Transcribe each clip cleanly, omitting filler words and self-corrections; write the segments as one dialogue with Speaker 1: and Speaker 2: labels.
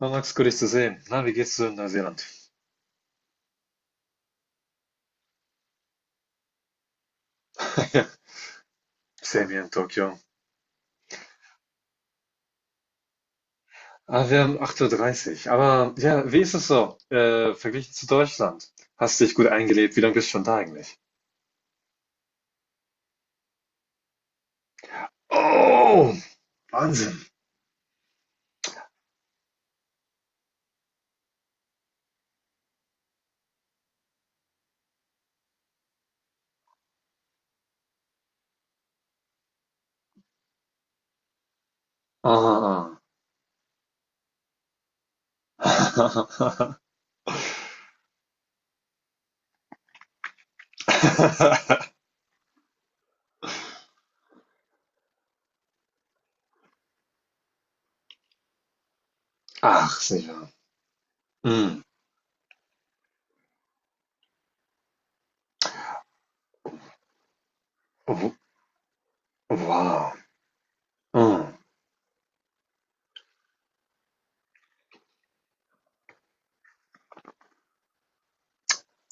Speaker 1: Ah, Max, gut, dich zu sehen. Na, wie geht's dir in Neuseeland? Ja, same hier in Tokio. Ah, wir haben 8.30 Uhr. Dreißig. Aber ja, wie ist es so, verglichen zu Deutschland? Hast dich gut eingelebt? Wie lange bist du schon da eigentlich? Oh, Wahnsinn. Ah. Ah. Ach, sicher. Mm. Oh, wow. Mm.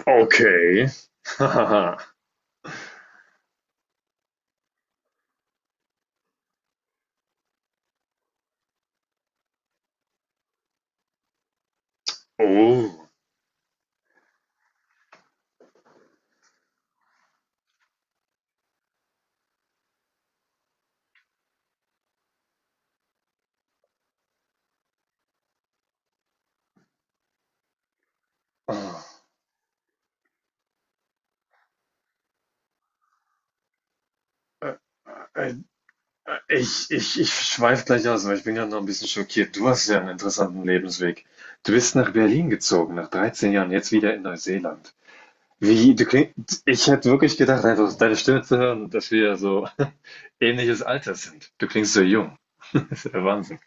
Speaker 1: Okay. Oh. Oh, äh, äh, ich schweife gleich aus, weil ich bin gerade noch ein bisschen schockiert. Du hast ja einen interessanten Lebensweg. Du bist nach Berlin gezogen, nach 13 Jahren, jetzt wieder in Neuseeland. Wie, du kling, ich hätte wirklich gedacht, einfach deine Stimme zu hören, dass wir so ähnliches Alter sind. Du klingst so jung. Das ist der Wahnsinn.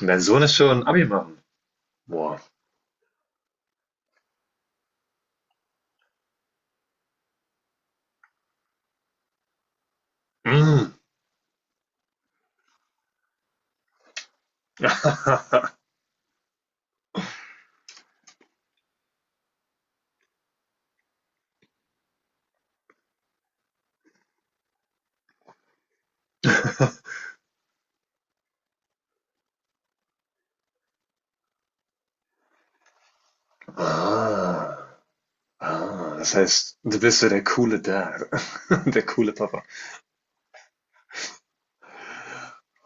Speaker 1: Und dein Sohn ist schon Abi machen. Boah. Mm. Ah, ah, das heißt, du bist so der coole Dad, der coole Papa.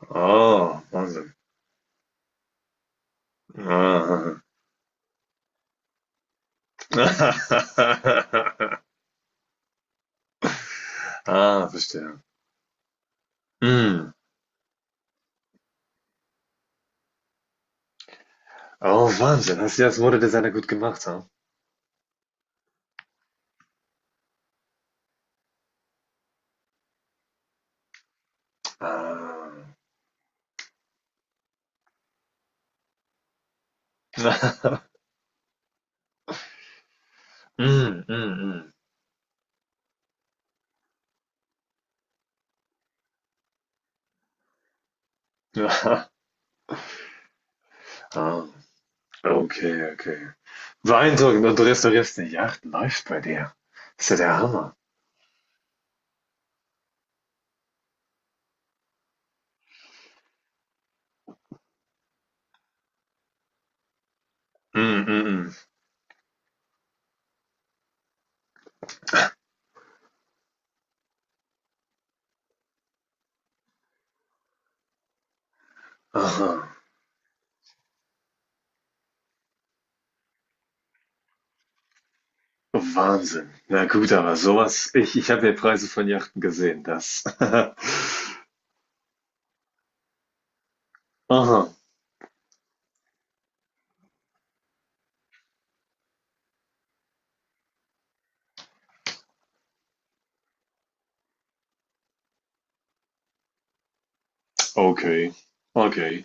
Speaker 1: Oh, Wahnsinn. Ah. Ah, verstehe. Mhm. Oh, Wahnsinn. Hast du das Modedesigner gut gemacht, ja? Ah. Mhm, mhm, mhm. Ah, okay, okay. Beeindruckend. Und du restaurierst eine Yacht. Läuft bei dir. Ist ja der Hammer. Mhm, mhm. Aha. Wahnsinn. Na gut, aber sowas, ich habe ja Preise von Yachten gesehen, das. Aha. Okay. Okay.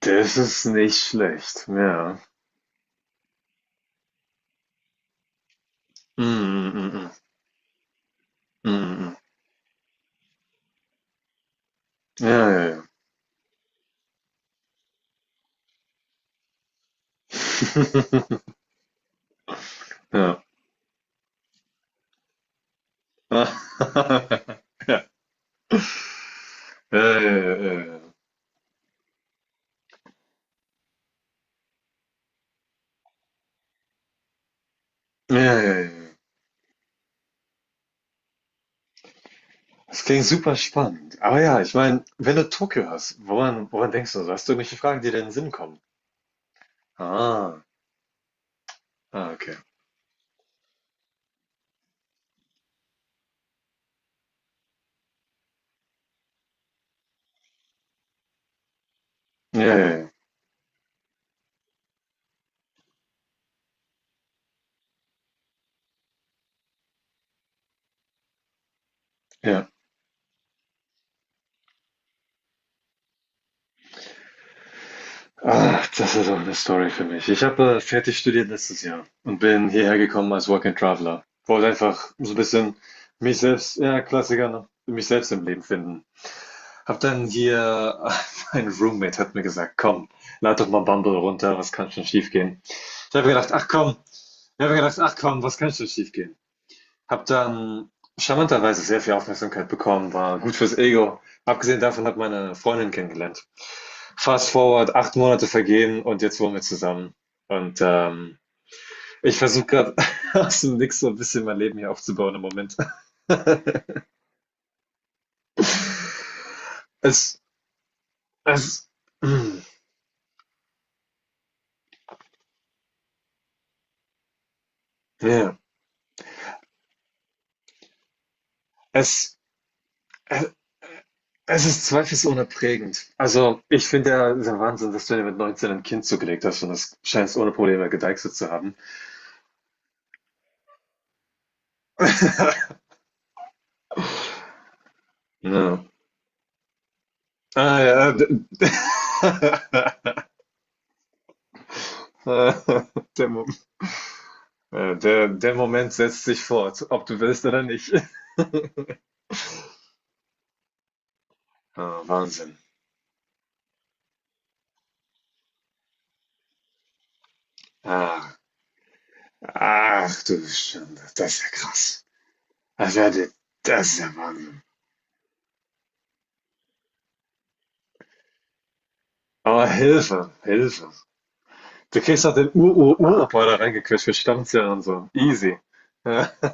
Speaker 1: Das ist nicht schlecht, ja. Mm, mm, mm, mm. Mhm. Ja, ja, ja. Ja. Ja. Ja, ja, ja, ja, ja. Ja, ja, ja. Das klingt super spannend. Aber ja, ich meine, wenn du Tokio hast, woran denkst du so? Hast du irgendwelche Fragen, die dir in den Sinn kommen? Ah, ah, okay. Ja, ja, ja. Ja. Ach, das ist auch eine Story für mich. Ich habe fertig studiert letztes Jahr und bin hierher gekommen als Work and Traveler. Wollte einfach so ein bisschen mich selbst, ja, Klassiker, ne? Mich selbst im Leben finden. Hab dann hier, mein Roommate hat mir gesagt, komm, lad doch mal Bumble runter, was kann schon schiefgehen? Ich habe gedacht, ach komm, Ich habe gedacht, ach komm, was kann schon schiefgehen? Hab dann charmanterweise sehr viel Aufmerksamkeit bekommen, war gut fürs Ego. Abgesehen davon hat meine Freundin kennengelernt. Fast forward, 8 Monate vergehen und jetzt wohnen wir zusammen. Und ich versuche gerade aus dem Nix so ein bisschen mein Leben hier aufzubauen im Moment. es, es, mm, ja, es, es ist zweifelsohne prägend. Also, ich finde ja, es ist ja Wahnsinn, dass du dir mit 19 ein Kind zugelegt hast und das scheinst ohne Probleme gedeichselt zu haben. Ja. Ah, ja. Der, Mo- der Moment setzt sich fort, ob du willst oder nicht. Ah, Wahnsinn. Ach, ach du Schande, das ist ja krass. Das ist ja, der- Das ist ja Wahnsinn. Aber Hilfe, Hilfe. Du kriegst doch den Ur-Ur-Uropa da reingequetscht für Stammzellen und so. Easy.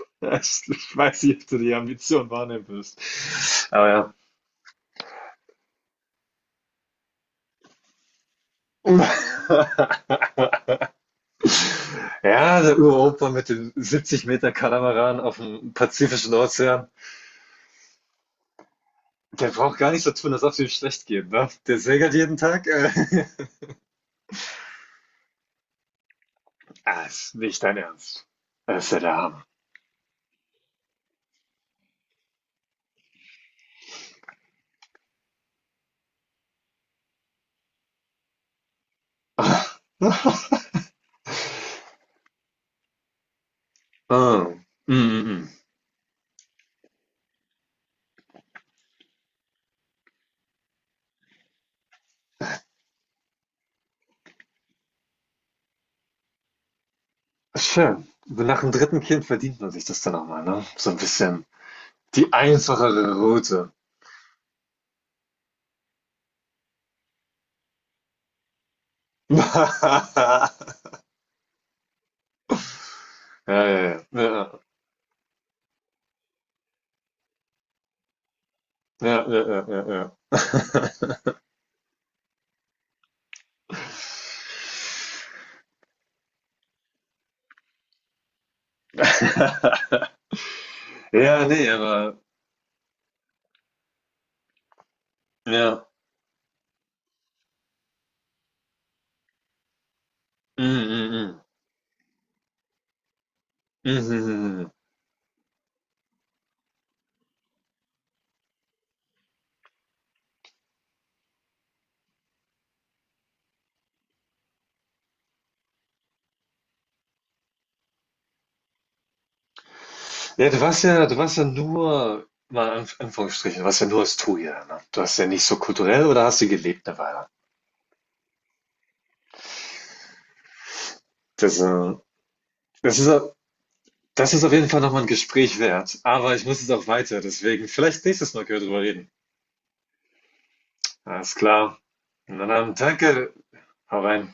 Speaker 1: Ja, ich weiß nicht, ob du die Ambition wahrnehmen wirst. Aber ja. Ja, der Uropa mit dem 70 Meter Katamaran auf dem Pazifischen Ozean, der braucht gar nicht so tun, als ob es ihm schlecht geht, ne? Der segelt jeden Tag. Ah, ist nicht dein Ernst. Das ist ja der Hammer. Ah, mm, mm, mm. Schön. So, nach dem dritten Kind verdient man sich das dann auch mal, ne? So ein bisschen die einfachere Route. Ja, ja, ja. Ja. Ja, ja, ja, ja, ja. Ja, ne, aber ja. Mhm, mhm, mhm. Mhm, mhm, mhm. Mhm. Ja, du warst ja nur, mal in Anführungsstrichen, du warst ja nur Astoria, ne? Du hast ja nicht so kulturell oder hast du gelebt eine Weile? Das, äh, das ist, au- Das ist auf jeden Fall nochmal ein Gespräch wert. Aber ich muss jetzt auch weiter, deswegen vielleicht nächstes Mal können wir drüber reden. Alles klar. Na dann, danke. Hau rein.